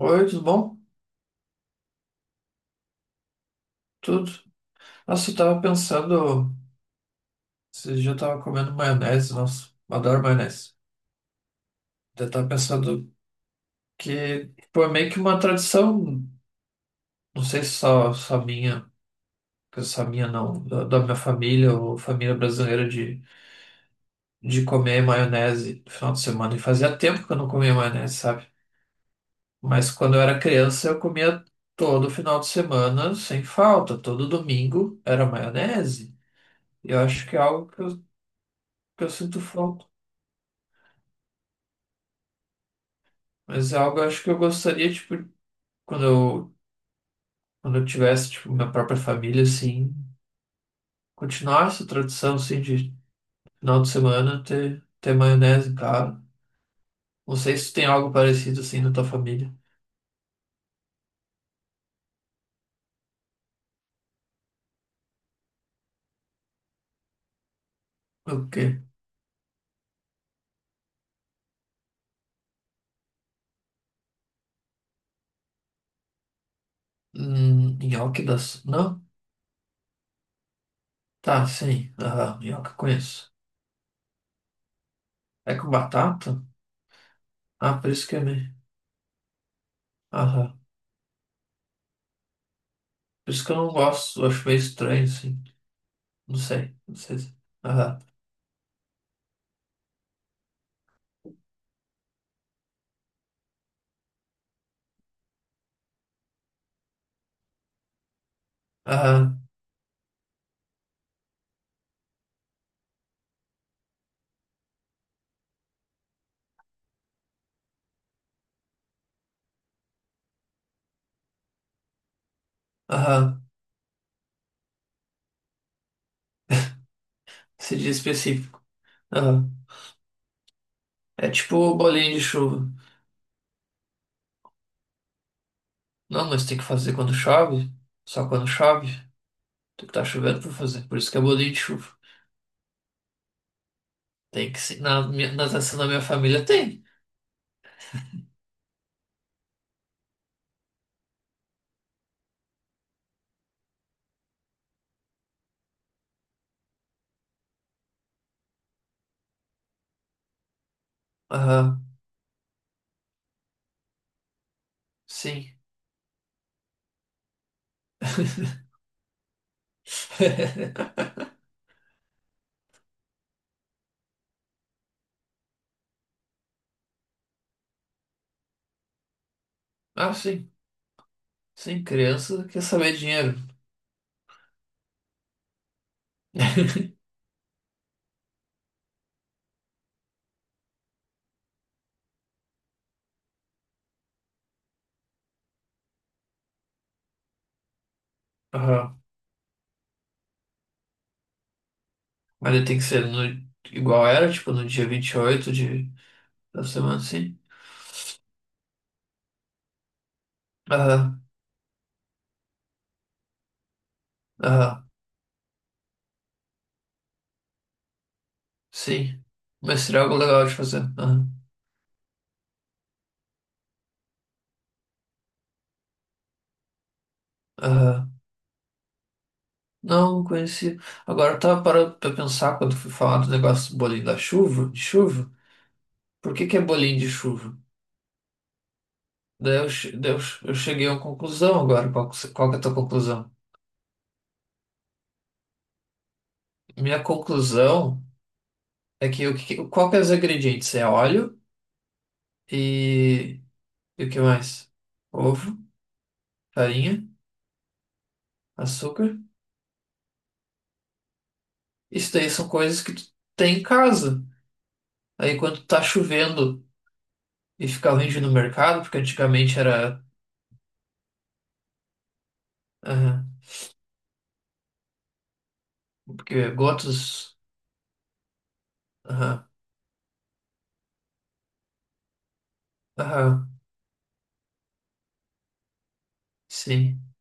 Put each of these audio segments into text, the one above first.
Oi, tudo bom? Tudo. Nossa, eu tava pensando, esses dias eu tava comendo maionese, nossa, eu adoro maionese. Eu tava pensando que, pô, é meio que uma tradição, não sei se só minha, que só minha não, da minha família ou família brasileira de comer maionese no final de semana. E fazia tempo que eu não comia maionese, sabe? Mas quando eu era criança eu comia todo final de semana, sem falta, todo domingo era maionese. Eu acho que é algo que eu sinto falta. Mas é algo eu acho que eu gostaria, tipo, quando eu, quando eu tivesse, tipo, minha própria família, assim, continuar essa tradição, assim, de final de semana ter maionese em casa. Não sei se tem algo parecido, assim, na tua família. O quê? Nhoque das... Não? Tá, sim. Aham, nhoque eu conheço. É com batata? Ah, por isso que é meio... Aham. Por isso que eu não gosto, eu acho meio estranho, assim. Não sei se... Aham, aham, aham. Se diz específico. Aham. É tipo bolinho de chuva. Não, nós tem que fazer quando chove. Só quando chove. Tu que tá chovendo pra fazer. Por isso que é bolinho de chuva. Tem que ser. Na natação da minha família tem. Aham, sim. Ah, sim. Sim, criança quer saber dinheiro. Aham. Mas ele tem que ser no, igual era, tipo, no dia 28 da semana, sim. Aham, aham, sim. Mas seria algo legal de fazer. Aham, aham. Não, não conheci. Agora eu tava parando pra pensar quando fui falar do negócio do bolinho da chuva, de chuva. Por que que é bolinho de chuva? Daí eu cheguei a uma conclusão agora. Qual, que se- qual que é a tua conclusão? Minha conclusão é que o que, que- qual que é os ingredientes? É óleo e, e o que mais? Ovo, farinha, açúcar. Isso daí são coisas que tu tem em casa. Aí quando tá chovendo e fica ruim de ir no mercado, porque antigamente era. Aham. Porque gotas. Aham, aham. Sim.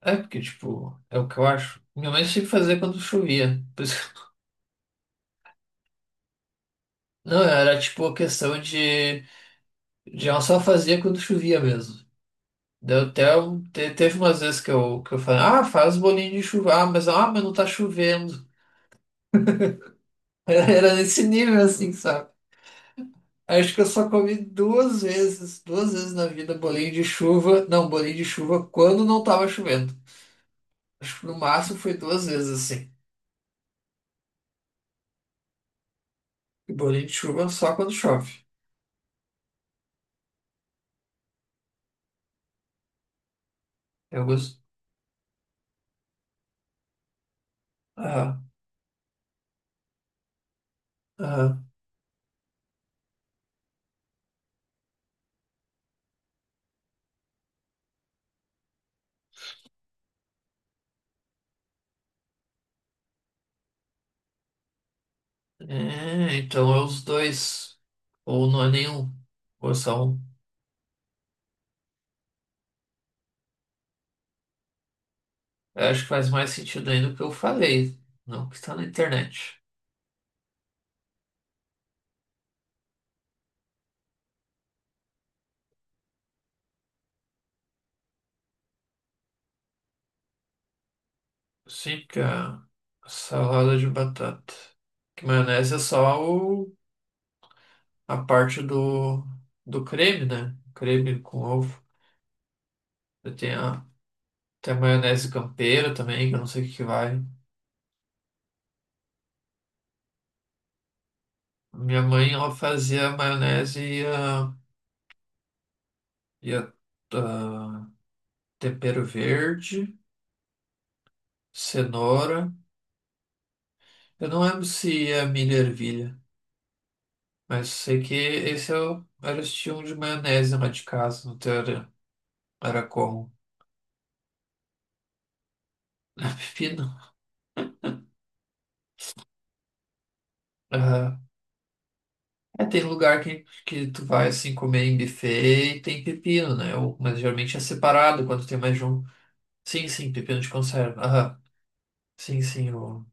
É porque, tipo, é o que eu acho. Minha mãe tinha que fazer quando chovia. Por isso que- Não, era tipo a questão de ela só fazia quando chovia mesmo. Deu até um- te- teve umas vezes que eu falei, ah, faz bolinho de chuva, ah, mas não tá chovendo. Era nesse nível assim, sabe? Acho que eu só comi duas vezes na vida bolinho de chuva. Não, bolinho de chuva quando não tava chovendo. Acho que no máximo foi duas vezes assim. E bolinho de chuva só quando chove. Eu gosto. Aham. Aham. É, então é os dois. Ou não é nenhum. Ou é só um. Eu acho que faz mais sentido ainda o que eu falei. Não o que está na internet. Sim, porque a salada de batata. Que maionese é só a parte do creme, né? Creme com ovo. Eu tenho a, tem a maionese campeira também, que eu não sei o que que vai. Minha mãe, ela fazia a maionese e a, e a, a tempero verde, cenoura. Eu não lembro se é milho e ervilha, mas sei que esse era o estilo de maionese lá de casa, no teu era como? É Pepino? Aham. É, tem lugar que tu vai assim comer em buffet e tem pepino, né? Ou- mas geralmente é separado quando tem mais de um. Sim, sim, pepino de conserva. Aham. Sim, sim, o,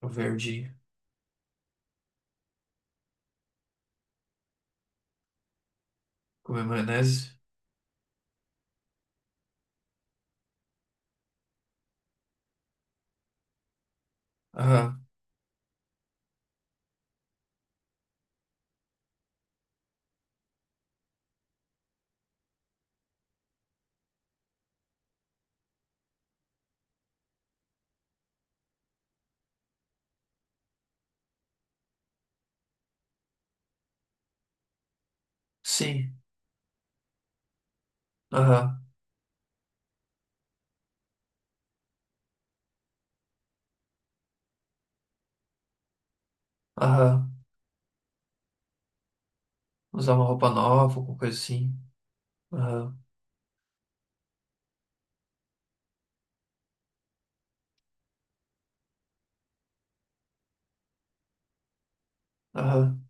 o verde comer maionese. Aham. Sim. Aham. Aham. Usar uma roupa nova, alguma coisa assim. Aham. Aham.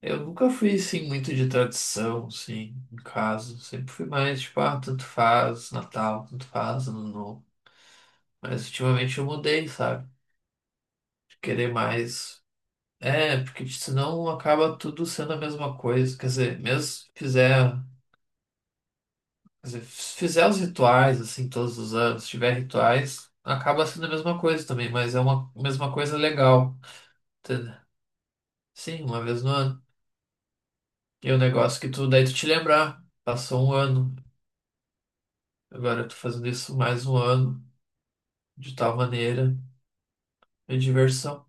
Eu nunca fui, assim, muito de tradição, assim, em casa. Sempre fui mais, tipo, ah, tanto faz Natal, tanto faz Ano Novo. Mas ultimamente eu mudei, sabe? De querer mais. É, porque senão acaba tudo sendo a mesma coisa. Quer dizer, mesmo se fizer, quer dizer, se fizer os rituais, assim, todos os anos, se tiver rituais, acaba sendo a mesma coisa também, mas é uma mesma coisa legal, entendeu? Sim, uma vez no ano. E o negócio que tu, daí tu te lembrar, passou um ano. Agora eu tô fazendo isso mais um ano, de tal maneira, é diversão.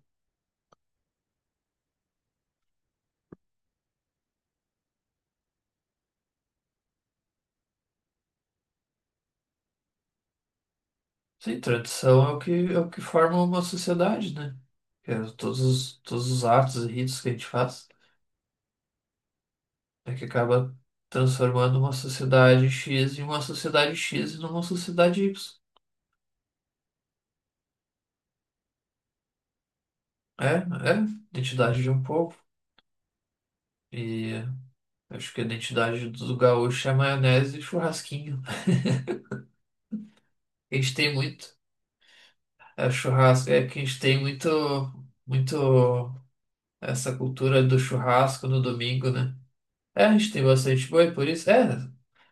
Sim, tradição é o que, forma uma sociedade, né? Que é todos os atos e ritos que a gente faz, é que acaba transformando uma sociedade X em uma sociedade X e numa sociedade Y. É, é, identidade de um povo. E acho que a identidade do gaúcho é maionese e churrasquinho. A gente tem muito, é churrasco, é que a gente tem muito, muito. Essa cultura do churrasco no domingo, né? É, a gente tem bastante boi, por isso. É,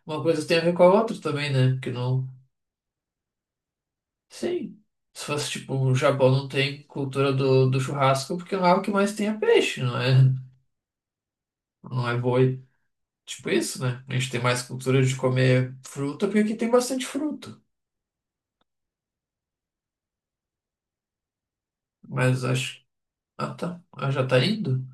uma coisa tem a ver com a outra também, né? Porque não. Sim. Se fosse tipo, o Japão não tem cultura do churrasco, porque lá o que mais tem é peixe, não é? Não é boi. Tipo isso, né? A gente tem mais cultura de comer fruta, porque aqui tem bastante fruta. Mas acho. Ah, tá. Ah, já tá indo?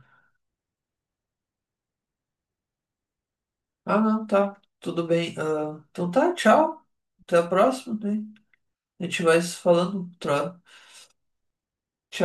Ah, não, tá. Tudo bem. Ah, então tá, tchau. Até a próxima, né? A gente vai se falando. Tro- Tchau.